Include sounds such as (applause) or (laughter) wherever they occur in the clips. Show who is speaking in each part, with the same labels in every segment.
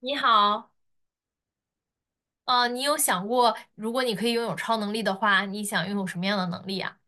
Speaker 1: 你好，你有想过，如果你可以拥有超能力的话，你想拥有什么样的能力啊？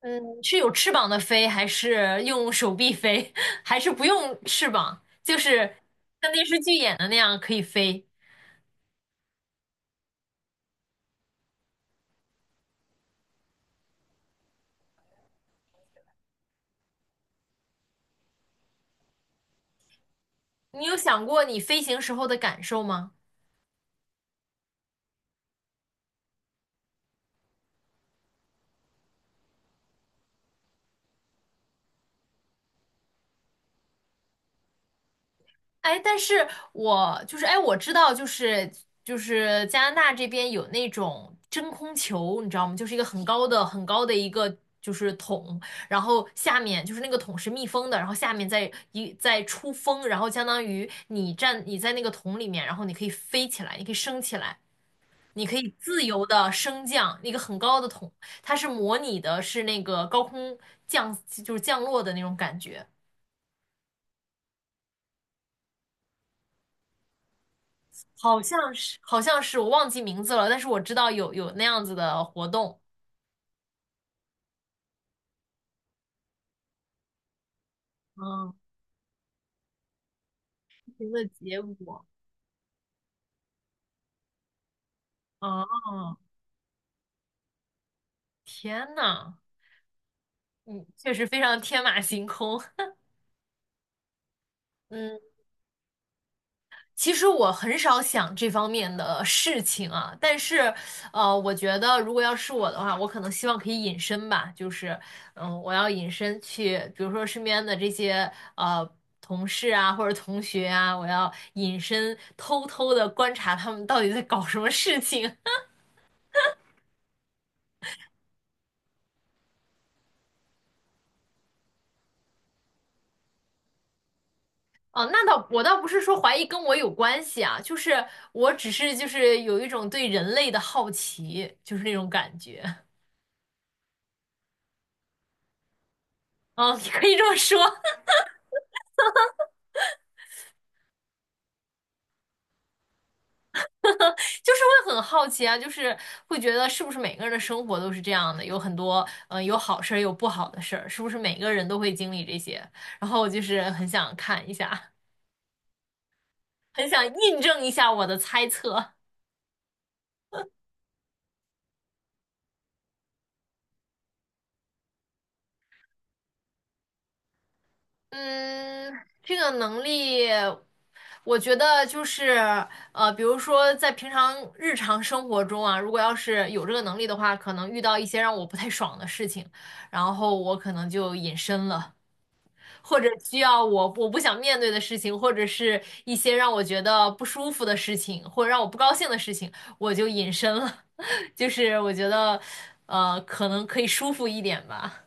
Speaker 1: 嗯，是有翅膀的飞，还是用手臂飞，(laughs) 还是不用翅膀，就是像电视剧演的那样可以飞？你有想过你飞行时候的感受吗？哎，但是我就是哎，我知道，就是加拿大这边有那种真空球，你知道吗？就是一个很高的一个就是桶，然后下面就是那个桶是密封的，然后下面再出风，然后相当于你在那个桶里面，然后你可以飞起来，你可以升起来，你可以自由的升降一个很高的桶，它是模拟的是那个高空降就是降落的那种感觉。好像是，好像是，我忘记名字了，但是我知道有那样子的活动。嗯，不同的结果。哦，天呐，嗯，确实非常天马行空。(laughs) 嗯，其实我很少想这方面的事情啊，但是，我觉得如果要是我的话，我可能希望可以隐身吧，就是，嗯，我要隐身去，比如说身边的这些同事啊或者同学啊，我要隐身偷偷的观察他们到底在搞什么事情。(laughs) 啊。那倒不是说怀疑跟我有关系啊，就是我只是就是有一种对人类的好奇，就是那种感觉。嗯，你可以这么说。就是会很好奇啊，就是会觉得是不是每个人的生活都是这样的，有很多有好事儿，有不好的事儿，是不是每个人都会经历这些？然后我就是很想看一下，(laughs) 很想印证一下我的猜测。嗯，这个能力，我觉得就是比如说在平常日常生活中啊，如果要是有这个能力的话，可能遇到一些让我不太爽的事情，然后我可能就隐身了。或者需要我不想面对的事情，或者是一些让我觉得不舒服的事情，或者让我不高兴的事情，我就隐身了。(laughs) 就是我觉得，可能可以舒服一点吧。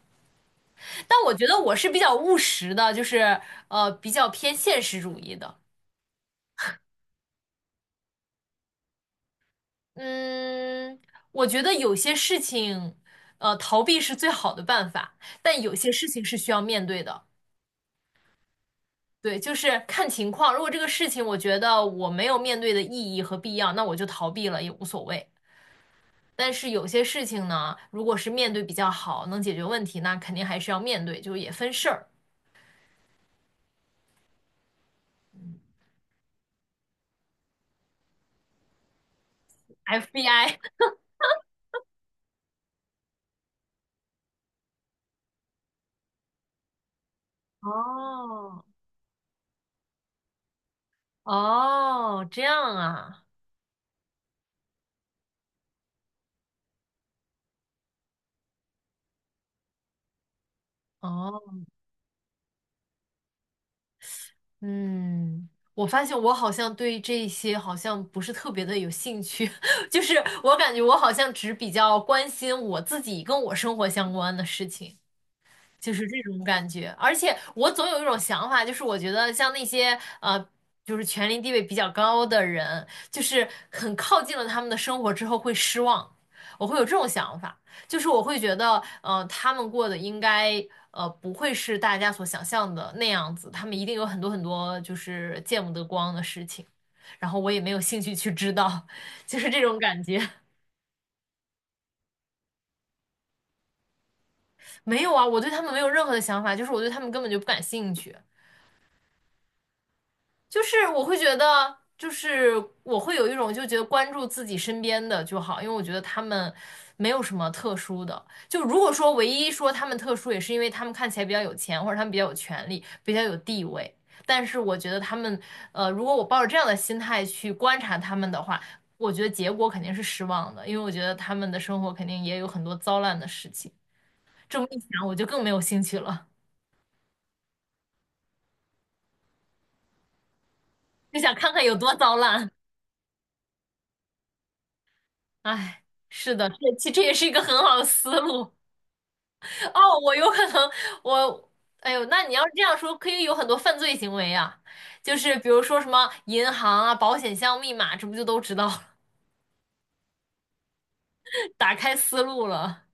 Speaker 1: 但我觉得我是比较务实的，就是比较偏现实主义的。嗯，我觉得有些事情，逃避是最好的办法，但有些事情是需要面对的。对，就是看情况。如果这个事情我觉得我没有面对的意义和必要，那我就逃避了也无所谓。但是有些事情呢，如果是面对比较好，能解决问题，那肯定还是要面对，就也分事儿。FBI，(laughs) 哦哦，这样啊，哦，嗯，我发现我好像对这些好像不是特别的有兴趣，(laughs) 就是我感觉我好像只比较关心我自己跟我生活相关的事情。就是这种感觉。而且我总有一种想法，就是我觉得像那些就是权力地位比较高的人，就是很靠近了他们的生活之后会失望，我会有这种想法，就是我会觉得，他们过的应该。不会是大家所想象的那样子，他们一定有很多很多就是见不得光的事情，然后我也没有兴趣去知道，(laughs) 就是这种感觉。没有啊，我对他们没有任何的想法，就是我对他们根本就不感兴趣。就是我会觉得，就是我会有一种就觉得关注自己身边的就好，因为我觉得他们没有什么特殊的。就如果说唯一说他们特殊，也是因为他们看起来比较有钱，或者他们比较有权利，比较有地位。但是我觉得他们，如果我抱着这样的心态去观察他们的话，我觉得结果肯定是失望的，因为我觉得他们的生活肯定也有很多糟烂的事情。这么一想，我就更没有兴趣了，就想看看有多糟烂。哎，是的，这其实这也是一个很好的思路。哦，我有可能，我，哎呦，那你要是这样说，可以有很多犯罪行为呀。就是比如说什么银行啊、保险箱密码，这不就都知道了？(laughs) 打开思路了，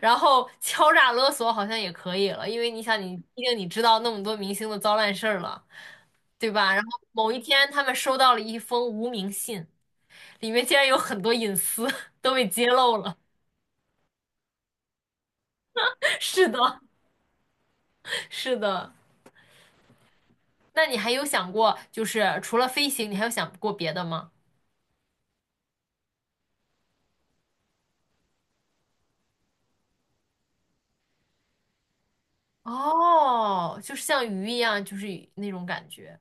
Speaker 1: 然后敲诈勒索好像也可以了，因为你想你，毕竟你知道那么多明星的糟烂事儿了，对吧？然后某一天他们收到了一封无名信，里面竟然有很多隐私 (laughs) 都被揭露了。(laughs) 是的，是的。那你还有想过，就是除了飞行，你还有想过别的吗？哦，就是像鱼一样，就是那种感觉。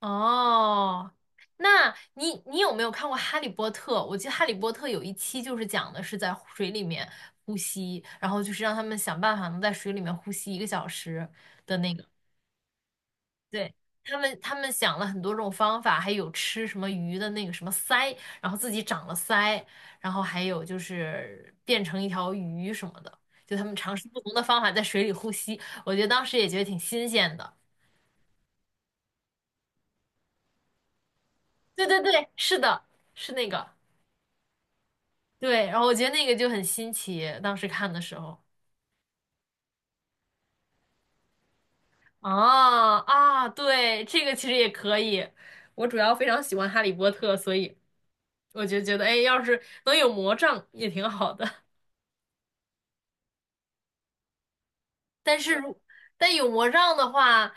Speaker 1: 哦，那你有没有看过《哈利波特》？我记得《哈利波特》有一期就是讲的是在水里面呼吸，然后就是让他们想办法能在水里面呼吸一个小时的那个。对，他们想了很多种方法，还有吃什么鱼的那个什么鳃，然后自己长了鳃，然后还有就是变成一条鱼什么的，就他们尝试不同的方法在水里呼吸，我觉得当时也觉得挺新鲜的。对对对，是的，是那个，对，然后我觉得那个就很新奇，当时看的时候。啊啊，对，这个其实也可以。我主要非常喜欢《哈利波特》，所以我就觉得，哎，要是能有魔杖也挺好的。但是如但有魔杖的话，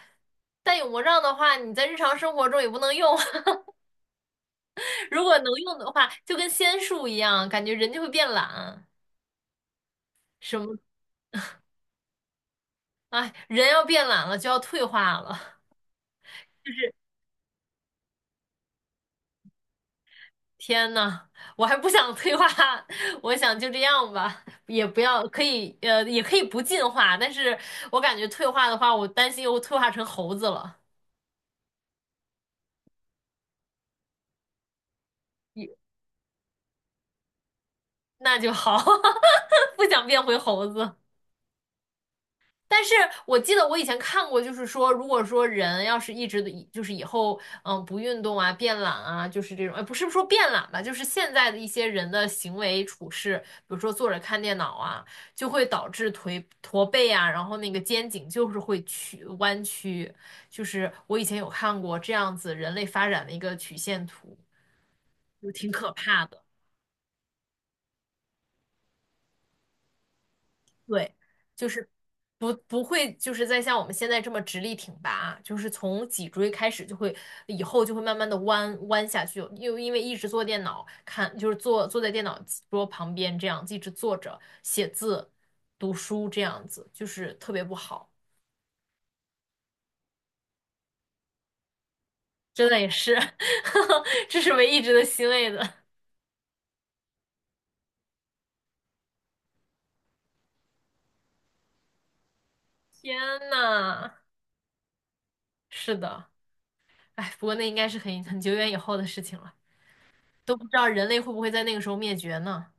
Speaker 1: 你在日常生活中也不能用。(laughs) 如果能用的话，就跟仙术一样，感觉人就会变懒。什么？哎，人要变懒了，就要退化了。天呐，我还不想退化，(laughs) 我想就这样吧，也不要可以，也可以不进化。但是我感觉退化的话，我担心又退化成猴子了，也那就好，(laughs) 不想变回猴子。但是我记得我以前看过，就是说，如果说人要是一直的，就是以后不运动啊、变懒啊，就是这种，不是说变懒吧，就是现在的一些人的行为处事，比如说坐着看电脑啊，就会导致腿驼背啊，然后那个肩颈就是弯曲，就是我以前有看过这样子人类发展的一个曲线图，就挺可怕的。对，就是不会就是再像我们现在这么直立挺拔啊，就是从脊椎开始就会，以后就会慢慢的弯下去，又因为一直坐电脑看，就是坐在电脑桌旁边这样一直坐着写字、读书这样子，就是特别不好，真的也是，(laughs) 这是唯一值得欣慰的。天呐，是的，哎，不过那应该是很久远以后的事情了，都不知道人类会不会在那个时候灭绝呢？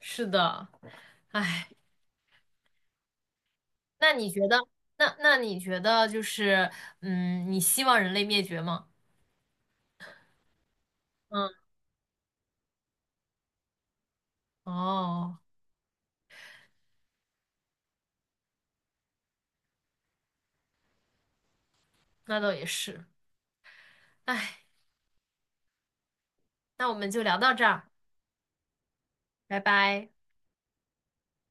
Speaker 1: 是的。那你觉得，那你觉得就是，嗯，你希望人类灭绝吗？嗯，哦，那倒也是。哎，那我们就聊到这儿，拜拜。